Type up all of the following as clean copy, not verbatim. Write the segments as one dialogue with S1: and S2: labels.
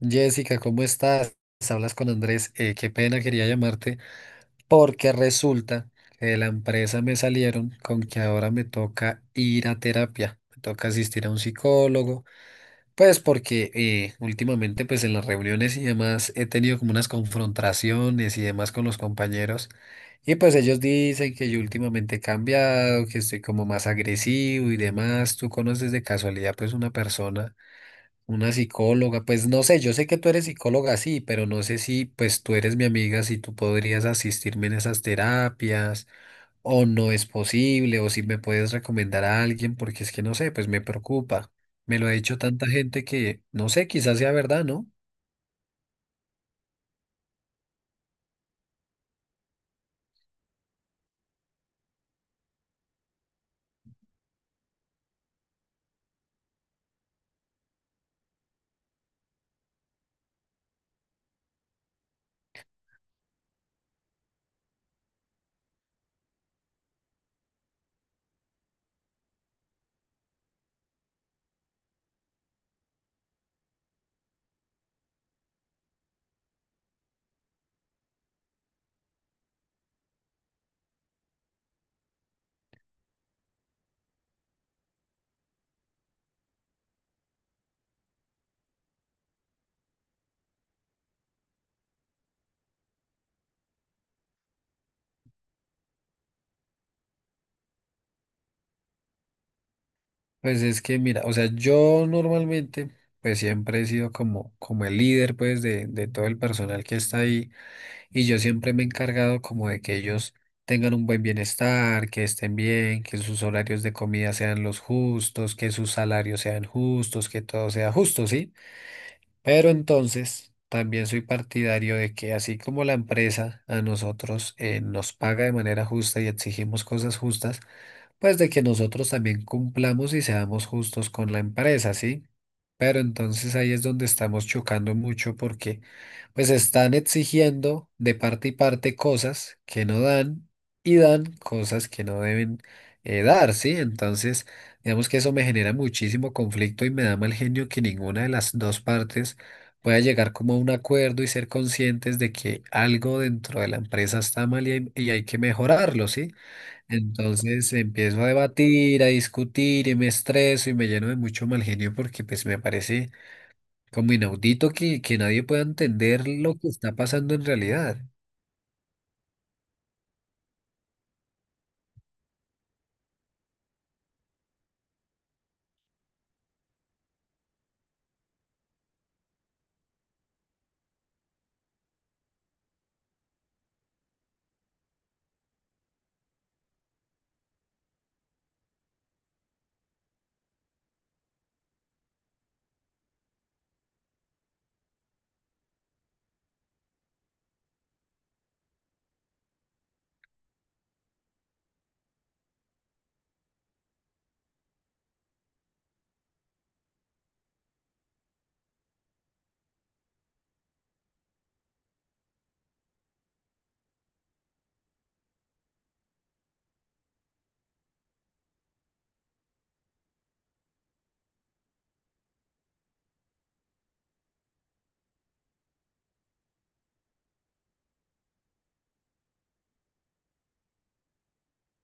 S1: Jessica, ¿cómo estás? Hablas con Andrés. Qué pena, quería llamarte porque resulta que de la empresa me salieron con que ahora me toca ir a terapia, me toca asistir a un psicólogo, pues porque últimamente pues en las reuniones y demás he tenido como unas confrontaciones y demás con los compañeros y pues ellos dicen que yo últimamente he cambiado, que estoy como más agresivo y demás. ¿Tú conoces de casualidad pues una persona? Una psicóloga, pues no sé, yo sé que tú eres psicóloga, sí, pero no sé si pues tú eres mi amiga, si tú podrías asistirme en esas terapias o no es posible o si me puedes recomendar a alguien porque es que no sé, pues me preocupa. Me lo ha dicho tanta gente que no sé, quizás sea verdad, ¿no? Pues es que mira, o sea, yo normalmente pues siempre he sido como el líder pues de todo el personal que está ahí. Y yo siempre me he encargado como de que ellos tengan un buen bienestar, que estén bien, que sus horarios de comida sean los justos, que sus salarios sean justos, que todo sea justo, ¿sí? Pero entonces también soy partidario de que así como la empresa a nosotros nos paga de manera justa y exigimos cosas justas, pues de que nosotros también cumplamos y seamos justos con la empresa, ¿sí? Pero entonces ahí es donde estamos chocando mucho porque pues están exigiendo de parte y parte cosas que no dan y dan cosas que no deben dar, ¿sí? Entonces digamos que eso me genera muchísimo conflicto y me da mal genio que ninguna de las dos partes pueda llegar como a un acuerdo y ser conscientes de que algo dentro de la empresa está mal y hay que mejorarlo, ¿sí? Entonces empiezo a debatir, a discutir y me estreso y me lleno de mucho mal genio porque pues me parece como inaudito que nadie pueda entender lo que está pasando en realidad.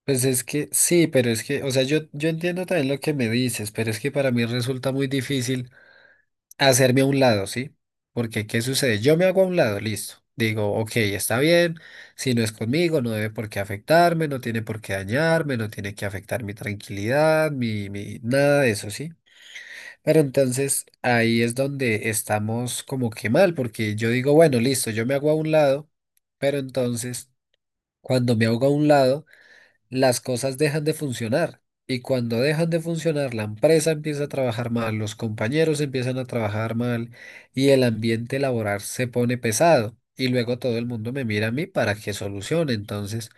S1: Pues es que sí, pero es que, o sea, yo entiendo también lo que me dices, pero es que para mí resulta muy difícil hacerme a un lado, ¿sí? Porque, ¿qué sucede? Yo me hago a un lado, listo. Digo, ok, está bien, si no es conmigo, no debe por qué afectarme, no tiene por qué dañarme, no tiene que afectar mi tranquilidad, nada de eso, ¿sí? Pero entonces ahí es donde estamos como que mal, porque yo digo, bueno, listo, yo me hago a un lado, pero entonces cuando me hago a un lado, las cosas dejan de funcionar. Y cuando dejan de funcionar, la empresa empieza a trabajar mal, los compañeros empiezan a trabajar mal y el ambiente laboral se pone pesado. Y luego todo el mundo me mira a mí para que solucione. Entonces,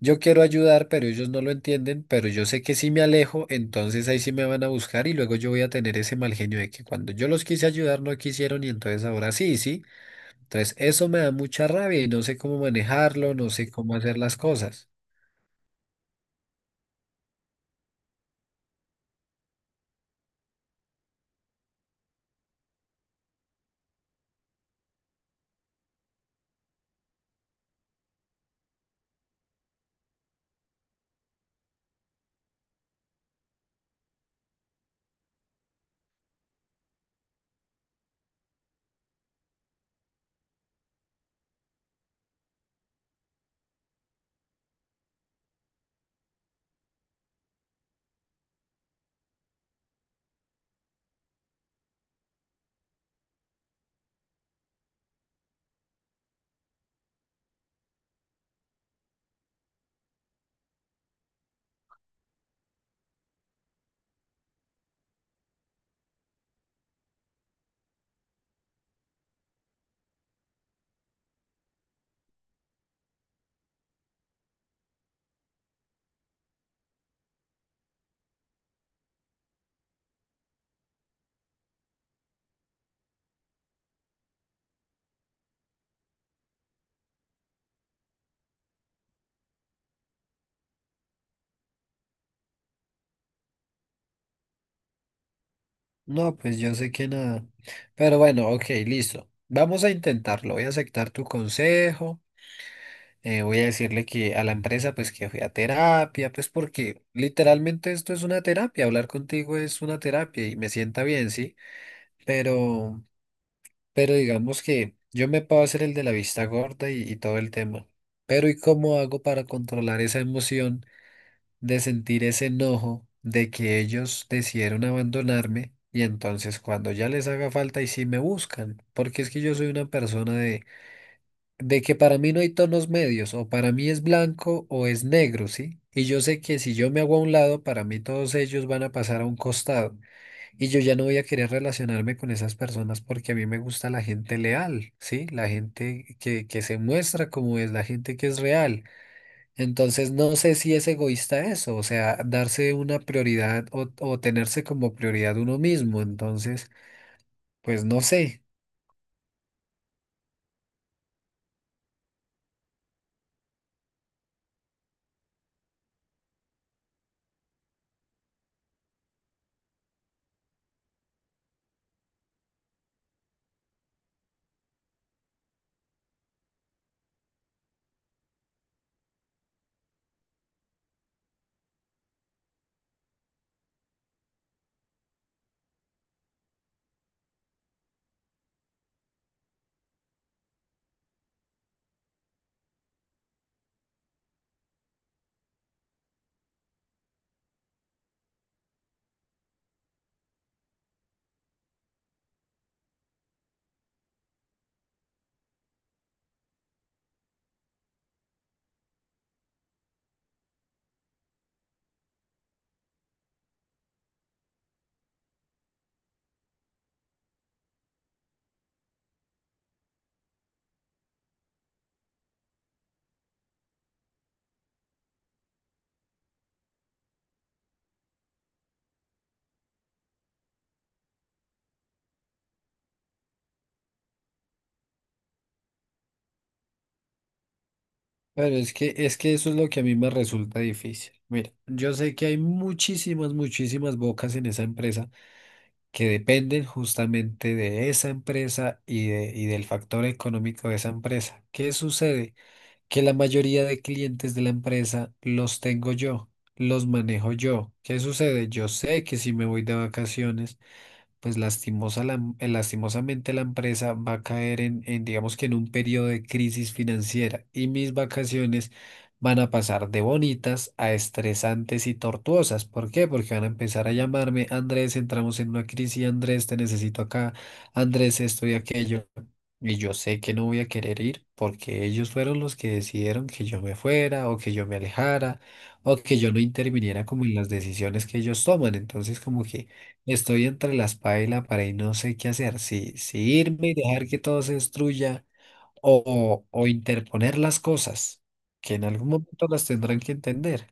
S1: yo quiero ayudar, pero ellos no lo entienden, pero yo sé que si me alejo, entonces ahí sí me van a buscar y luego yo voy a tener ese mal genio de que cuando yo los quise ayudar no quisieron y entonces ahora sí, sí. Entonces, eso me da mucha rabia y no sé cómo manejarlo, no sé cómo hacer las cosas. No, pues yo sé que nada. Pero bueno, ok, listo. Vamos a intentarlo. Voy a aceptar tu consejo. Voy a decirle que a la empresa, pues que fui a terapia, pues porque literalmente esto es una terapia. Hablar contigo es una terapia y me sienta bien, sí. Pero, pero digamos que yo me puedo hacer el de la vista gorda y todo el tema. Pero ¿y cómo hago para controlar esa emoción de sentir ese enojo de que ellos decidieron abandonarme y entonces cuando ya les haga falta y sí me buscan, porque es que yo soy una persona de que para mí no hay tonos medios, o para mí es blanco o es negro, ¿sí? Y yo sé que si yo me hago a un lado, para mí todos ellos van a pasar a un costado. Y yo ya no voy a querer relacionarme con esas personas porque a mí me gusta la gente leal, ¿sí? La gente que se muestra como es, la gente que es real. Entonces, no sé si es egoísta eso, o sea, darse una prioridad o tenerse como prioridad uno mismo. Entonces, pues no sé. Pero es que eso es lo que a mí me resulta difícil. Mira, yo sé que hay muchísimas, muchísimas bocas en esa empresa que dependen justamente de esa empresa y del factor económico de esa empresa. ¿Qué sucede? Que la mayoría de clientes de la empresa los tengo yo, los manejo yo. ¿Qué sucede? Yo sé que si me voy de vacaciones, pues lastimosamente la empresa va a caer en digamos que en un periodo de crisis financiera y mis vacaciones van a pasar de bonitas a estresantes y tortuosas. ¿Por qué? Porque van a empezar a llamarme: Andrés, entramos en una crisis, Andrés, te necesito acá, Andrés, esto y aquello. Y yo sé que no voy a querer ir porque ellos fueron los que decidieron que yo me fuera o que yo me alejara o que yo no interviniera como en las decisiones que ellos toman. Entonces, como que... Estoy entre la espada y la pared y no sé qué hacer. Si, si irme y dejar que todo se destruya o interponer las cosas, que en algún momento las tendrán que entender.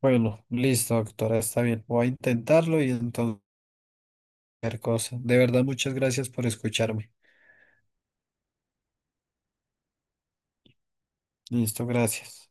S1: Bueno, listo, doctora, está bien. Voy a intentarlo y entonces cualquier cosa. De verdad, muchas gracias por escucharme. Listo, gracias.